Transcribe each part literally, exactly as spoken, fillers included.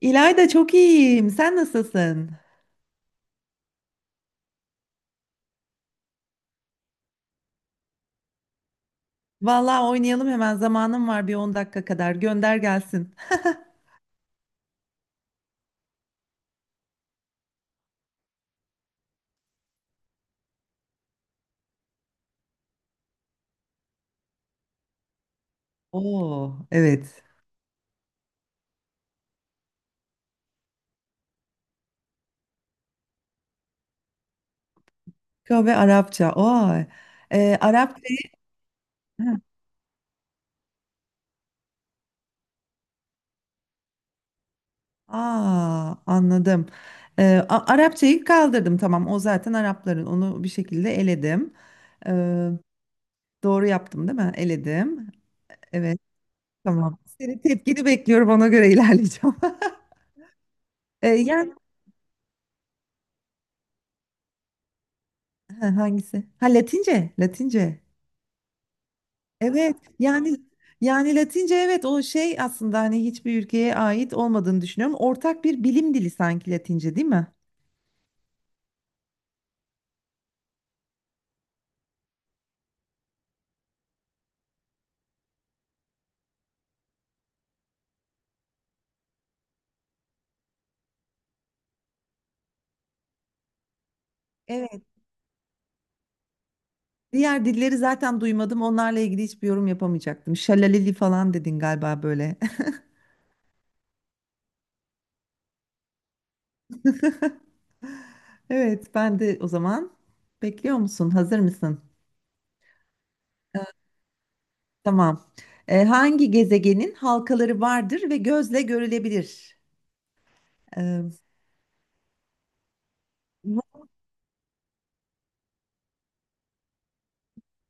İlayda çok iyiyim. Sen nasılsın? Vallahi oynayalım hemen. Zamanım var bir on dakika kadar. Gönder gelsin. Oo, evet. Kahve Arapça. Oo. Ee, Arapçayı. Hı. Aa, anladım. Ee, A- Arapçayı kaldırdım, tamam. O zaten Arapların. Onu bir şekilde eledim. Ee, doğru yaptım değil mi? Eledim. Evet. Tamam. Senin tepkini bekliyorum, ona göre ilerleyeceğim. Ee, yani Ha, hangisi? Ha, Latince, Latince. Evet yani, yani Latince, evet, o şey aslında hani hiçbir ülkeye ait olmadığını düşünüyorum. Ortak bir bilim dili sanki Latince, değil mi? Evet. Diğer dilleri zaten duymadım. Onlarla ilgili hiçbir yorum yapamayacaktım. Şalaleli falan dedin galiba böyle. Evet, ben de o zaman bekliyor musun? Hazır mısın? Tamam. Ee, hangi gezegenin halkaları vardır ve gözle görülebilir? Ee, bu-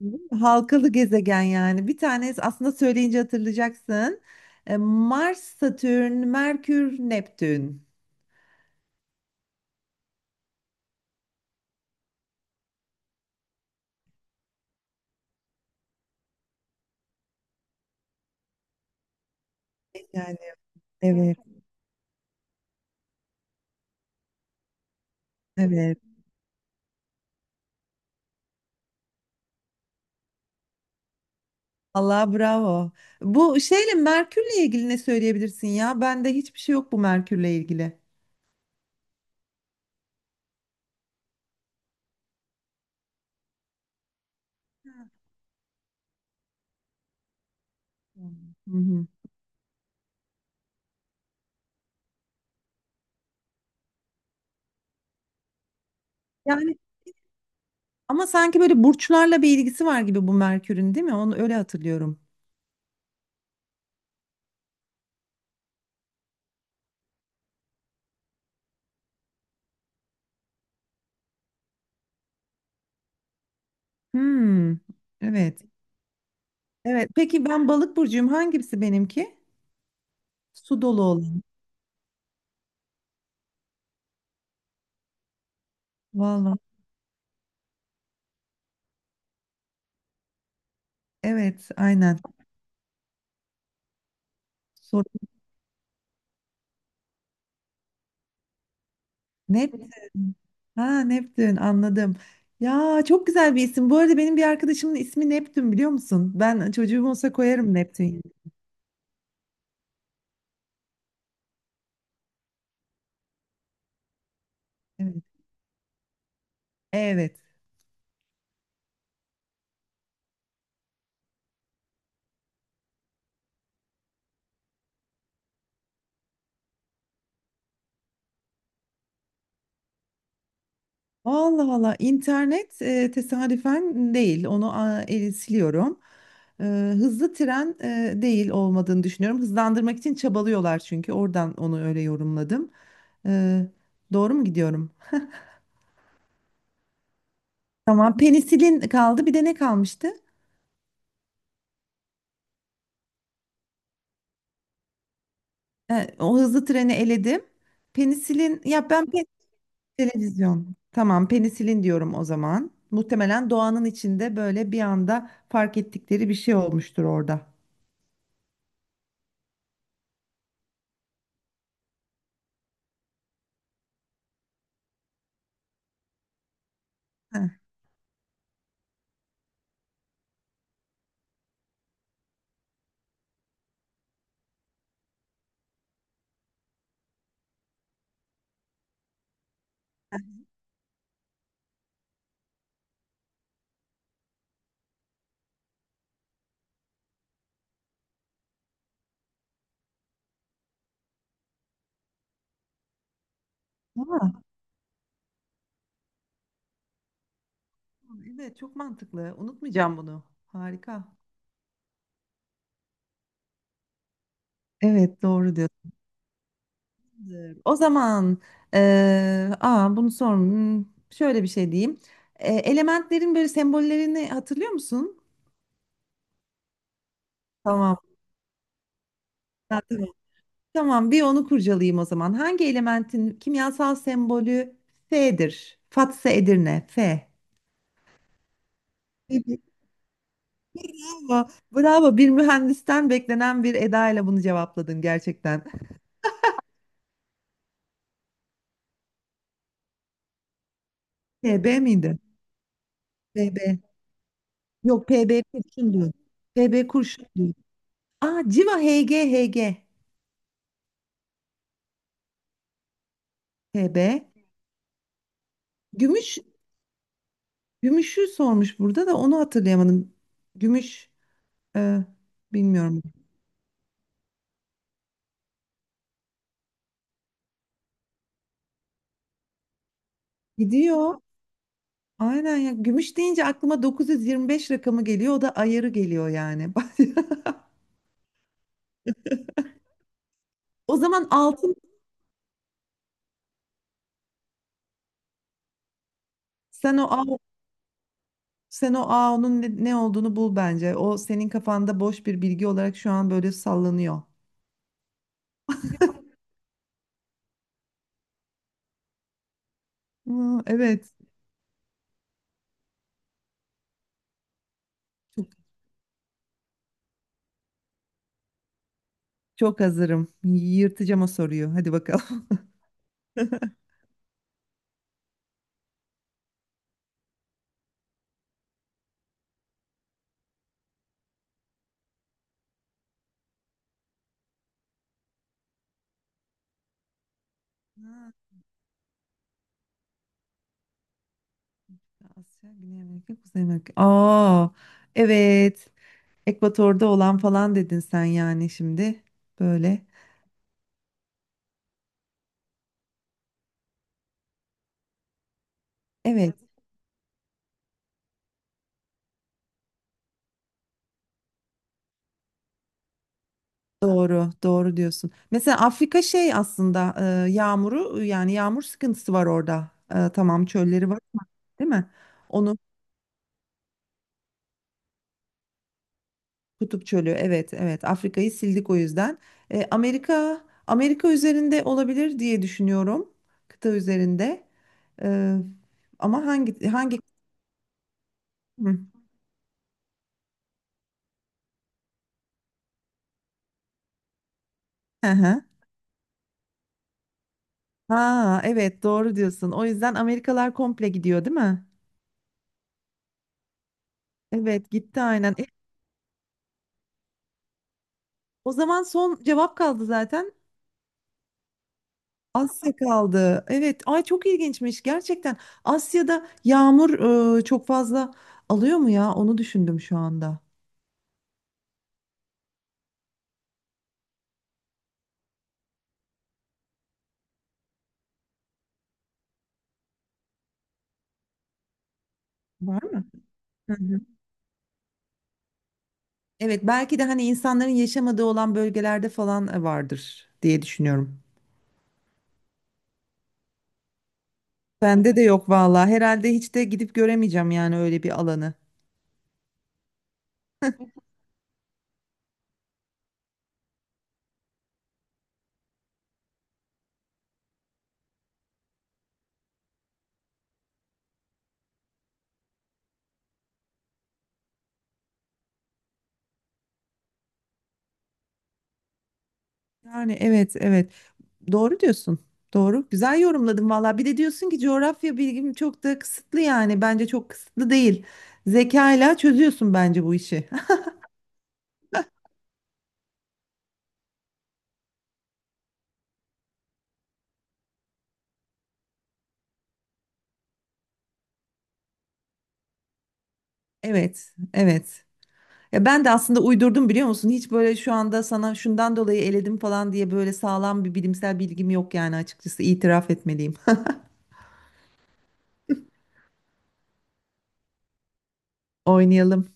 bu halkalı gezegen yani. Bir tane aslında söyleyince hatırlayacaksın. Ee, Mars, Satürn, Merkür, Neptün. Yani evet, evet. Allah, bravo. Bu şeyle Merkür'le ilgili ne söyleyebilirsin ya? Bende hiçbir şey yok bu Merkür'le ilgili. Hı hı. Yani ama sanki böyle burçlarla bir ilgisi var gibi bu Merkür'ün, değil mi? Onu öyle hatırlıyorum. Hmm, evet. Evet. Peki ben balık burcuyum. Hangisi benimki? Su dolu olan. Vallahi. Evet, aynen. Sor. Neptün. Ha, Neptün, anladım. Ya çok güzel bir isim. Bu arada benim bir arkadaşımın ismi Neptün, biliyor musun? Ben, çocuğum olsa koyarım Neptün. Evet. Evet. Allah Allah, internet e, tesadüfen değil, onu a, e, siliyorum. E, hızlı tren e, değil olmadığını düşünüyorum. Hızlandırmak için çabalıyorlar çünkü, oradan onu öyle yorumladım. E, doğru mu gidiyorum? Tamam, penisilin kaldı, bir de ne kalmıştı? E, o hızlı treni eledim. Penisilin ya ben pe- televizyon. Tamam, penisilin diyorum o zaman. Muhtemelen doğanın içinde böyle bir anda fark ettikleri bir şey olmuştur orada. Heh. Evet, çok mantıklı. Unutmayacağım bunu. Harika. Evet, doğru diyorsun. O zaman eee aa, bunu sor. hmm, Şöyle bir şey diyeyim. Eee, elementlerin böyle sembollerini hatırlıyor musun? Tamam. Ha, tamam. Tamam, bir onu kurcalayayım o zaman. Hangi elementin kimyasal sembolü F'dir? Fatsa Edirne, F. Bravo, bravo. Bir mühendisten beklenen bir edayla bunu cevapladın gerçekten. T B miydi? T B. Yok, P B kurşun diyor. PB kurşun diyor. Aa, Civa HG. HG P B. Gümüş. Gümüş'ü sormuş burada, da onu hatırlayamadım. Gümüş, e, bilmiyorum. Gidiyor. Aynen ya. Gümüş deyince aklıma dokuz yüz yirmi beş rakamı geliyor. O da ayarı geliyor yani. O zaman altın, sen o A, sen o A onun ne, ne olduğunu bul bence. O senin kafanda boş bir bilgi olarak şu an böyle sallanıyor. Aa, evet. Çok hazırım. Yırtacağım o soruyu. Hadi bakalım. Ha, Asya, Güney Amerika, Kuzey Amerika. Aa, evet. Ekvatorda olan falan dedin sen yani şimdi. Böyle. Evet, doğru, doğru diyorsun. Mesela Afrika şey aslında e, yağmuru yani yağmur sıkıntısı var orada. E, tamam çölleri var ama, değil mi? Onu Kutup Çölü. Evet, evet. Afrika'yı sildik o yüzden. E, Amerika Amerika üzerinde olabilir diye düşünüyorum. Kıta üzerinde. Ee, ama hangi hangi Hı. Hı hı. Ha, evet, doğru diyorsun. O yüzden Amerikalar komple gidiyor, değil mi? Evet gitti aynen. E, o zaman son cevap kaldı zaten. Asya kaldı. Evet. Ay, çok ilginçmiş gerçekten. Asya'da yağmur e, çok fazla alıyor mu ya? Onu düşündüm şu anda. Var mı? Hı hı. Evet, belki de hani insanların yaşamadığı olan bölgelerde falan e, vardır diye düşünüyorum. Bende de yok vallahi. Herhalde hiç de gidip göremeyeceğim yani öyle bir alanı. Yani evet, evet. Doğru diyorsun. Doğru. Güzel yorumladın vallahi. Bir de diyorsun ki coğrafya bilgim çok da kısıtlı yani. Bence çok kısıtlı değil. Zekayla çözüyorsun bence bu işi. Evet, evet. Ya ben de aslında uydurdum, biliyor musun? Hiç böyle şu anda sana şundan dolayı eledim falan diye böyle sağlam bir bilimsel bilgim yok yani, açıkçası itiraf etmeliyim. Oynayalım.